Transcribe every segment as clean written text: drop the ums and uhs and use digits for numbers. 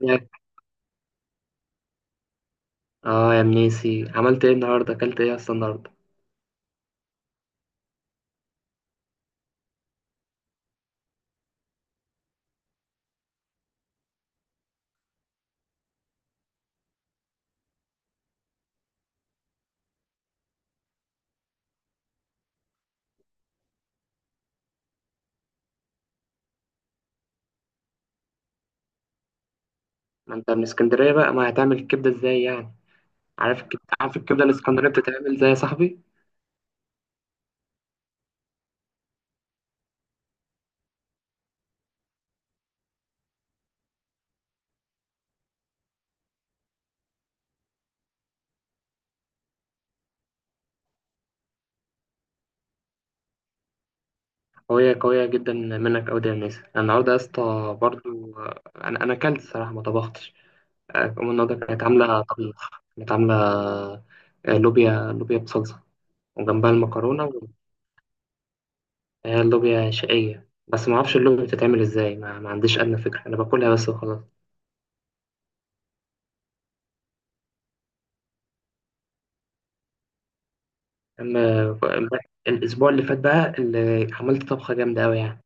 يا- اه يا منيسي، عملت ايه النهارده؟ اكلت ايه اصلا النهارده؟ ما انت من اسكندريه بقى، ما هتعمل الكبده ازاي يعني؟ عارف الكبده الاسكندريه بتتعمل زي، يا صاحبي؟ قويه قويه جدا منك قوي، يا منيسي. انا النهارده يا اسطى برضو، انا اكلت الصراحه، ما طبختش. امي النهارده كانت عامله طبيخ. كانت عامله، لوبيا بصلصه. وجنبها المكرونه. وهي اللوبيا شقيه، بس ما اعرفش اللوبيا بتتعمل ازاي. ما عنديش ادنى فكره، انا باكلها بس وخلاص. أما الأسبوع اللي فات بقى، اللي عملت طبخة جامدة أوي يعني.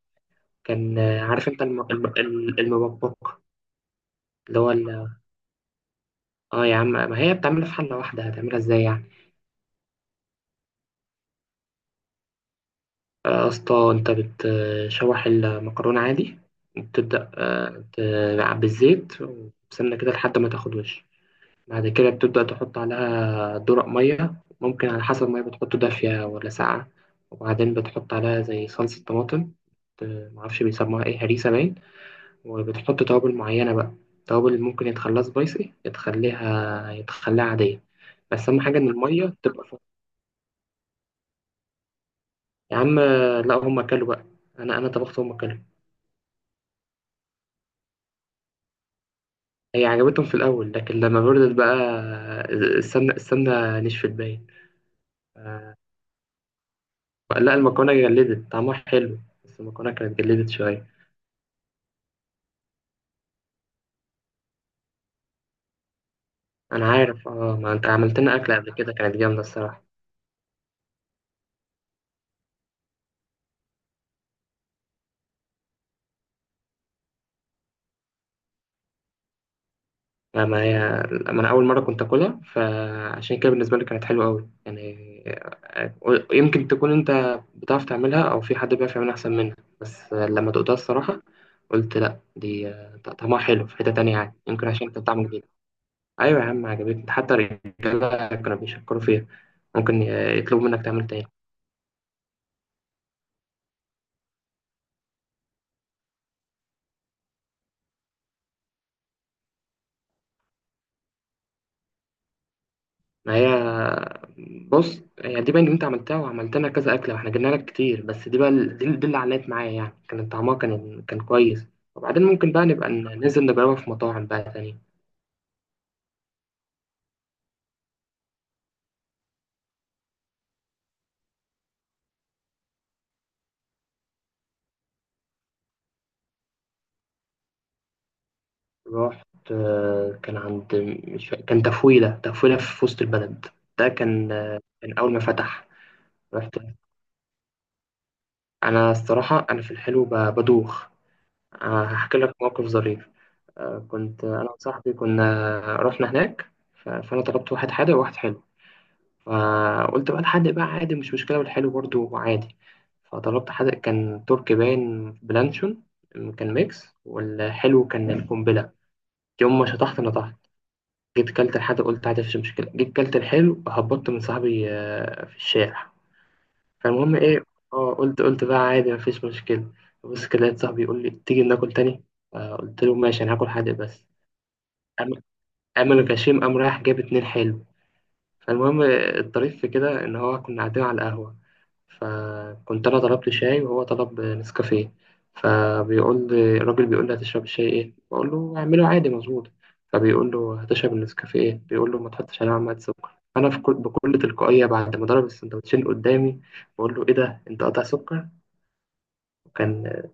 كان، عارف أنت المبكبك. اللي هو ال- يا عم، ما هي بتعملها في حلة واحدة، هتعملها إزاي يعني؟ يا اسطى، أنت بتشوح المكرونة عادي. وبتبدأ بالزيت، وتستنى كده لحد ما تاخد وش. بعد كده بتبدأ تحط عليها درق مية، ممكن على حسب المية بتحطه دافية ولا ساقعة. وبعدين بتحط عليها زي صلصة طماطم. معرفش بيسموها إيه، هريسة باين. وبتحط توابل معينة بقى. توابل ممكن يتخليها سبايسي، يتخليها عادية. بس أهم حاجة إن المية تبقى فوق. يا عم. لا، هم أكلوا بقى. أنا طبخت، هم أكلوا. هي عجبتهم في الأول، لكن لما بردت بقى. السمنة نشفت باين. لا، المكرونة جلدت، طعمها حلو. بس المكرونة كانت جلدت شوية. أنا عارف. ما أنت عملت لنا أكلة قبل كده، كانت جامدة الصراحة. لا، ما هي. ما انا اول مره كنت اكلها، فعشان كده بالنسبه لي كانت حلوه قوي يعني. آه، يمكن تكون انت بتعرف تعملها او في حد بيعرف يعملها احسن منك، بس لما دقتها الصراحه. قلت لا، دي طعمها حلو في حته تانية يعني، يمكن عشان كان طعم جديد. ايوه يا عم، عجبتني، حتى الرجاله كانوا بيشكروا فيها. ممكن يطلبوا منك تعمل تاني. ما هي. بص، هي دي بقى اللي انت عملتها وعملت لنا كذا اكله، واحنا جبنا لك كتير، بس دي بقى دي اللي علقت معايا يعني، كان طعمها كان كويس. وبعدين ممكن بقى نبقى ننزل نجربها في مطاعم بقى تاني. رحت. كان عند. مش فا- كان تفويله في وسط البلد. ده كان اول ما فتح. رحت. انا الصراحه، انا في الحلو بدوخ. هحكي لك موقف ظريف. كنت انا وصاحبي كنا. رحنا هناك، فانا طلبت واحد حادق وواحد حلو. فقلت بقى الحادق بقى عادي مش مشكلة، والحلو برضو عادي. فطلبت حادق، كان تركي باين بلانشون. كان ميكس، والحلو كان القنبلة. يوم ما شطحت نطحت. جيت كلت الحادق، قلت عادي مفيش مشكلة. جيت كلت الحلو، هبطت من صاحبي، في الشارع. فالمهم ايه. اه قلت بقى عادي مفيش مشكلة. بص كده لقيت صاحبي يقول لي تيجي ناكل تاني؟ قلت له ماشي، انا هاكل حادق بس. قام. قام الغشيم قام رايح، جاب اتنين حلو. فالمهم الطريف في كده، ان هو كنا قاعدين على القهوة. فكنت أنا طلبت شاي، وهو طلب نسكافيه. فبيقول لي الراجل، بيقول لي هتشرب الشاي إيه؟ بقول له أعمله عادي مظبوط. فبيقول له هتشرب النسكافيه إيه؟ بيقول له ما تحطش عليه معلقة سكر. أنا في كل بكل تلقائية بعد ما ضرب السندوتشين قدامي، بقول له إيه ده، أنت قاطع سكر؟ وكان.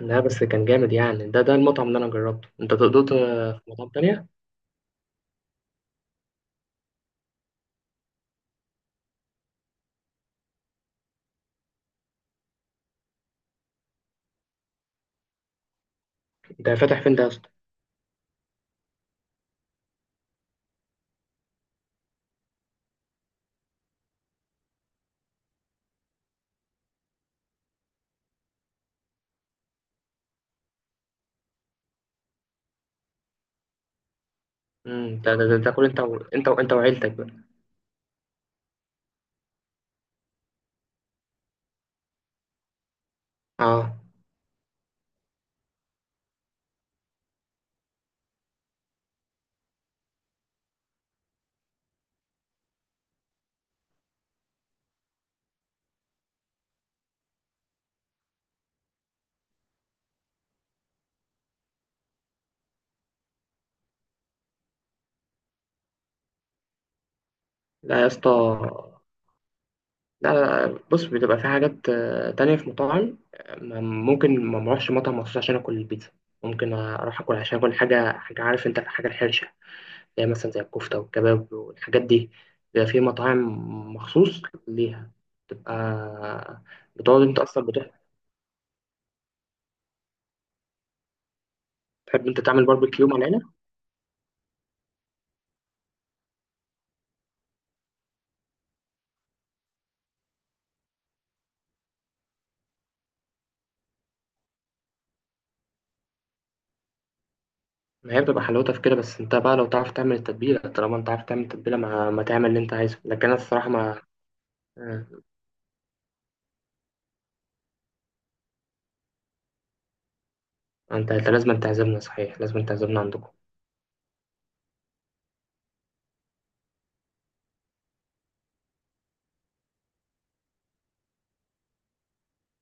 لا بس كان جامد يعني، ده المطعم اللي أنا جربته، أنت دقته؟ في مطعم تانية؟ أنت فاتح فين ده يا اسطى؟ مم، ده كل أنت وعيلتك بقى. أه. لا يا اسطى. لا لا لا، بص بتبقى في حاجات تانية، في مطاعم ممكن ما بروحش مطعم مخصوص عشان آكل البيتزا. ممكن أروح آكل، عشان آكل حاجة، حاجة عارف أنت الحاجة الحرشة. زي مثلا زي الكفتة والكباب والحاجات دي. بيبقى في مطاعم. مخصوص. ليها. بتبقى. بتقعد أنت أصلا. بتحب أنت تعمل باربيكيو مع العيلة؟ ما هي بتبقى حلاوتها في كده، بس أنت بقى لو تعرف تعمل التتبيلة، طالما أنت عارف تعمل التتبيلة، ما تعمل اللي أنت عايزه، لكن أنا الصراحة ما. آه، أنت لازم تعزمنا صحيح، لازم تعزمنا عندكم.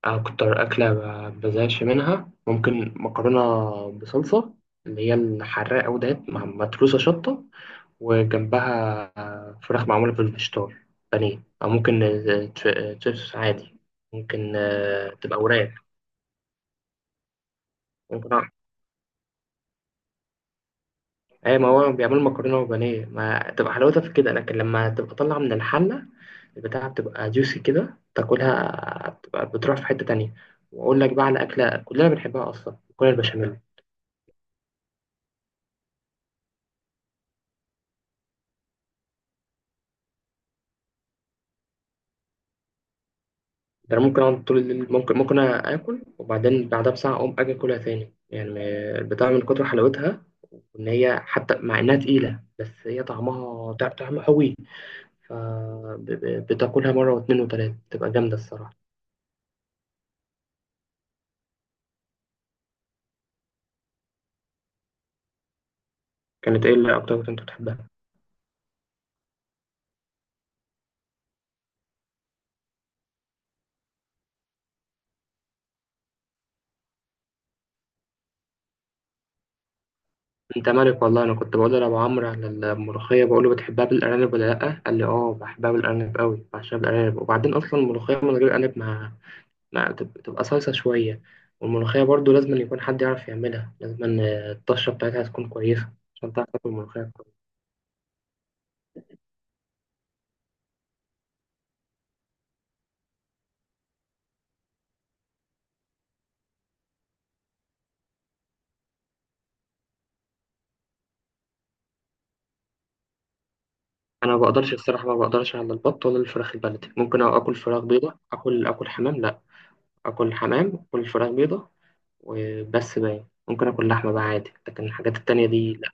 أكتر أكلة بزهقش منها ممكن مكرونة. بصلصة. اللي هي الحراقة أوي ديت، مع متروسة شطة. وجنبها فراخ معمولة بالفيجيتار. بانيه، أو ممكن تشيبس عادي. ممكن تبقى وراك. ممكن. أي ما هو بيعملوا مكرونة وبانيه، ما تبقى حلاوتها في كده، لكن لما تبقى طالعة من الحلة. البتاعة بتبقى جوسي كده، تاكلها بتبقى بتروح في حتة تانية. وأقول لك بقى على أكلة كلنا بنحبها أصلا، مكرونة البشاميل. ده انا ممكن اقعد طول الليل، ممكن اكل. وبعدين بعدها بساعه اقوم اجي اكلها تاني يعني، البتاع من كتر حلاوتها. ان هي، حتى مع انها تقيله، بس هي طعمها قوي. فبتاكلها مره واتنين وتلاته، تبقى جامده الصراحه. كانت ايه اللي اكتر كنت انت بتحبها؟ انت مالك والله، انا كنت بقول لابو عمرو على الملوخيه، بقول له بتحبها بالارانب ولا لا؟ قال لي اه، بحبها بالارانب قوي، بعشقها بالارانب. وبعدين اصلا الملوخيه من غير ارانب، ما. مع تبقى صلصة شوية. والملوخية برضو لازم يكون حد يعرف يعملها، لازم الطشة بتاعتها تكون كويسة. عشان تعرف تاكل ملوخية كويس. أنا ما بقدرش الصراحة، ما بقدرش على البط ولا الفراخ البلدي. ممكن آكل فراخ بيضة، آكل حمام لأ. آكل حمام، آكل فراخ بيضة. وبس بقى، ممكن آكل لحمة بقى عادي، لكن الحاجات التانية دي لأ.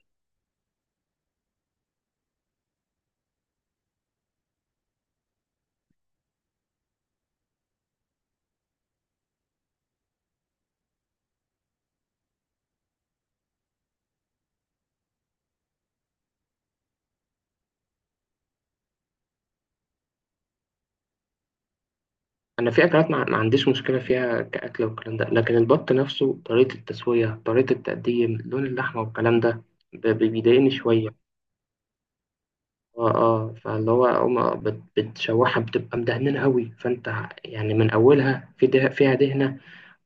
أنا في أكلات ما عنديش مشكلة فيها كأكل والكلام ده، لكن البط نفسه، طريقة التسوية، طريقة التقديم، لون اللحمة والكلام ده، بيضايقني شوية. اه، اه، فاللي هو هم بتشوحها بتبقى مدهنينها قوي، فانت يعني من اولها في ده فيها دهنه.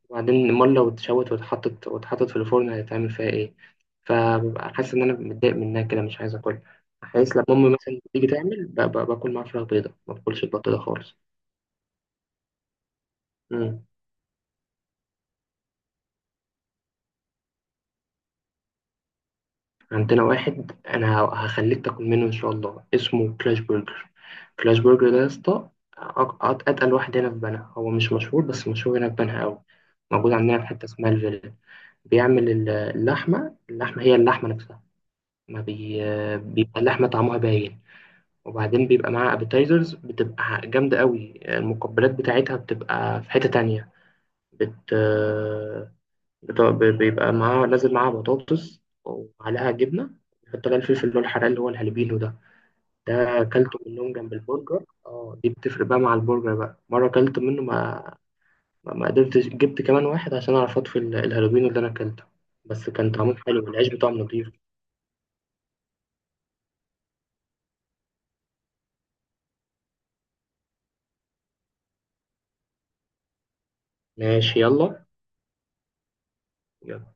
وبعدين امال لو اتشوت واتحطت في الفرن، هيتعمل فيها ايه؟ فببقى حاسس ان انا متضايق منها كده، مش عايز اكلها. احس لما امي مثلا تيجي تعمل، باكل معاها فراخ بيضه، ما باكلش البط ده خالص. مم. عندنا واحد انا هخليك تاكل منه ان شاء الله، اسمه كلاش برجر. كلاش برجر ده يا اسطى. اتقل واحد هنا في بنها، هو مش مشهور، بس مشهور هنا في بنها قوي. موجود عندنا في حته اسمها الفيلا. بيعمل اللحمه، هي اللحمه نفسها. ما بي... بيبقى اللحمه طعمها باين. وبعدين بيبقى معاها ابيتايزرز بتبقى جامده قوي، المقبلات بتاعتها بتبقى في حته تانية. بت بيبقى معاه نازل معاه بطاطس وعليها جبنة. بيحط لها الفلفل اللي هو الحراق اللي هو الهالبينو ده. ده أكلته منهم جنب البرجر، دي بتفرق بقى مع البرجر بقى، مرة أكلت منه ما. ما قدرتش، جبت كمان واحد عشان أعرف أطفي الهالبينو اللي أنا أكلته. بس كان طعمه حلو، العيش بتاعه نضيف. ماشي يلا. يلا.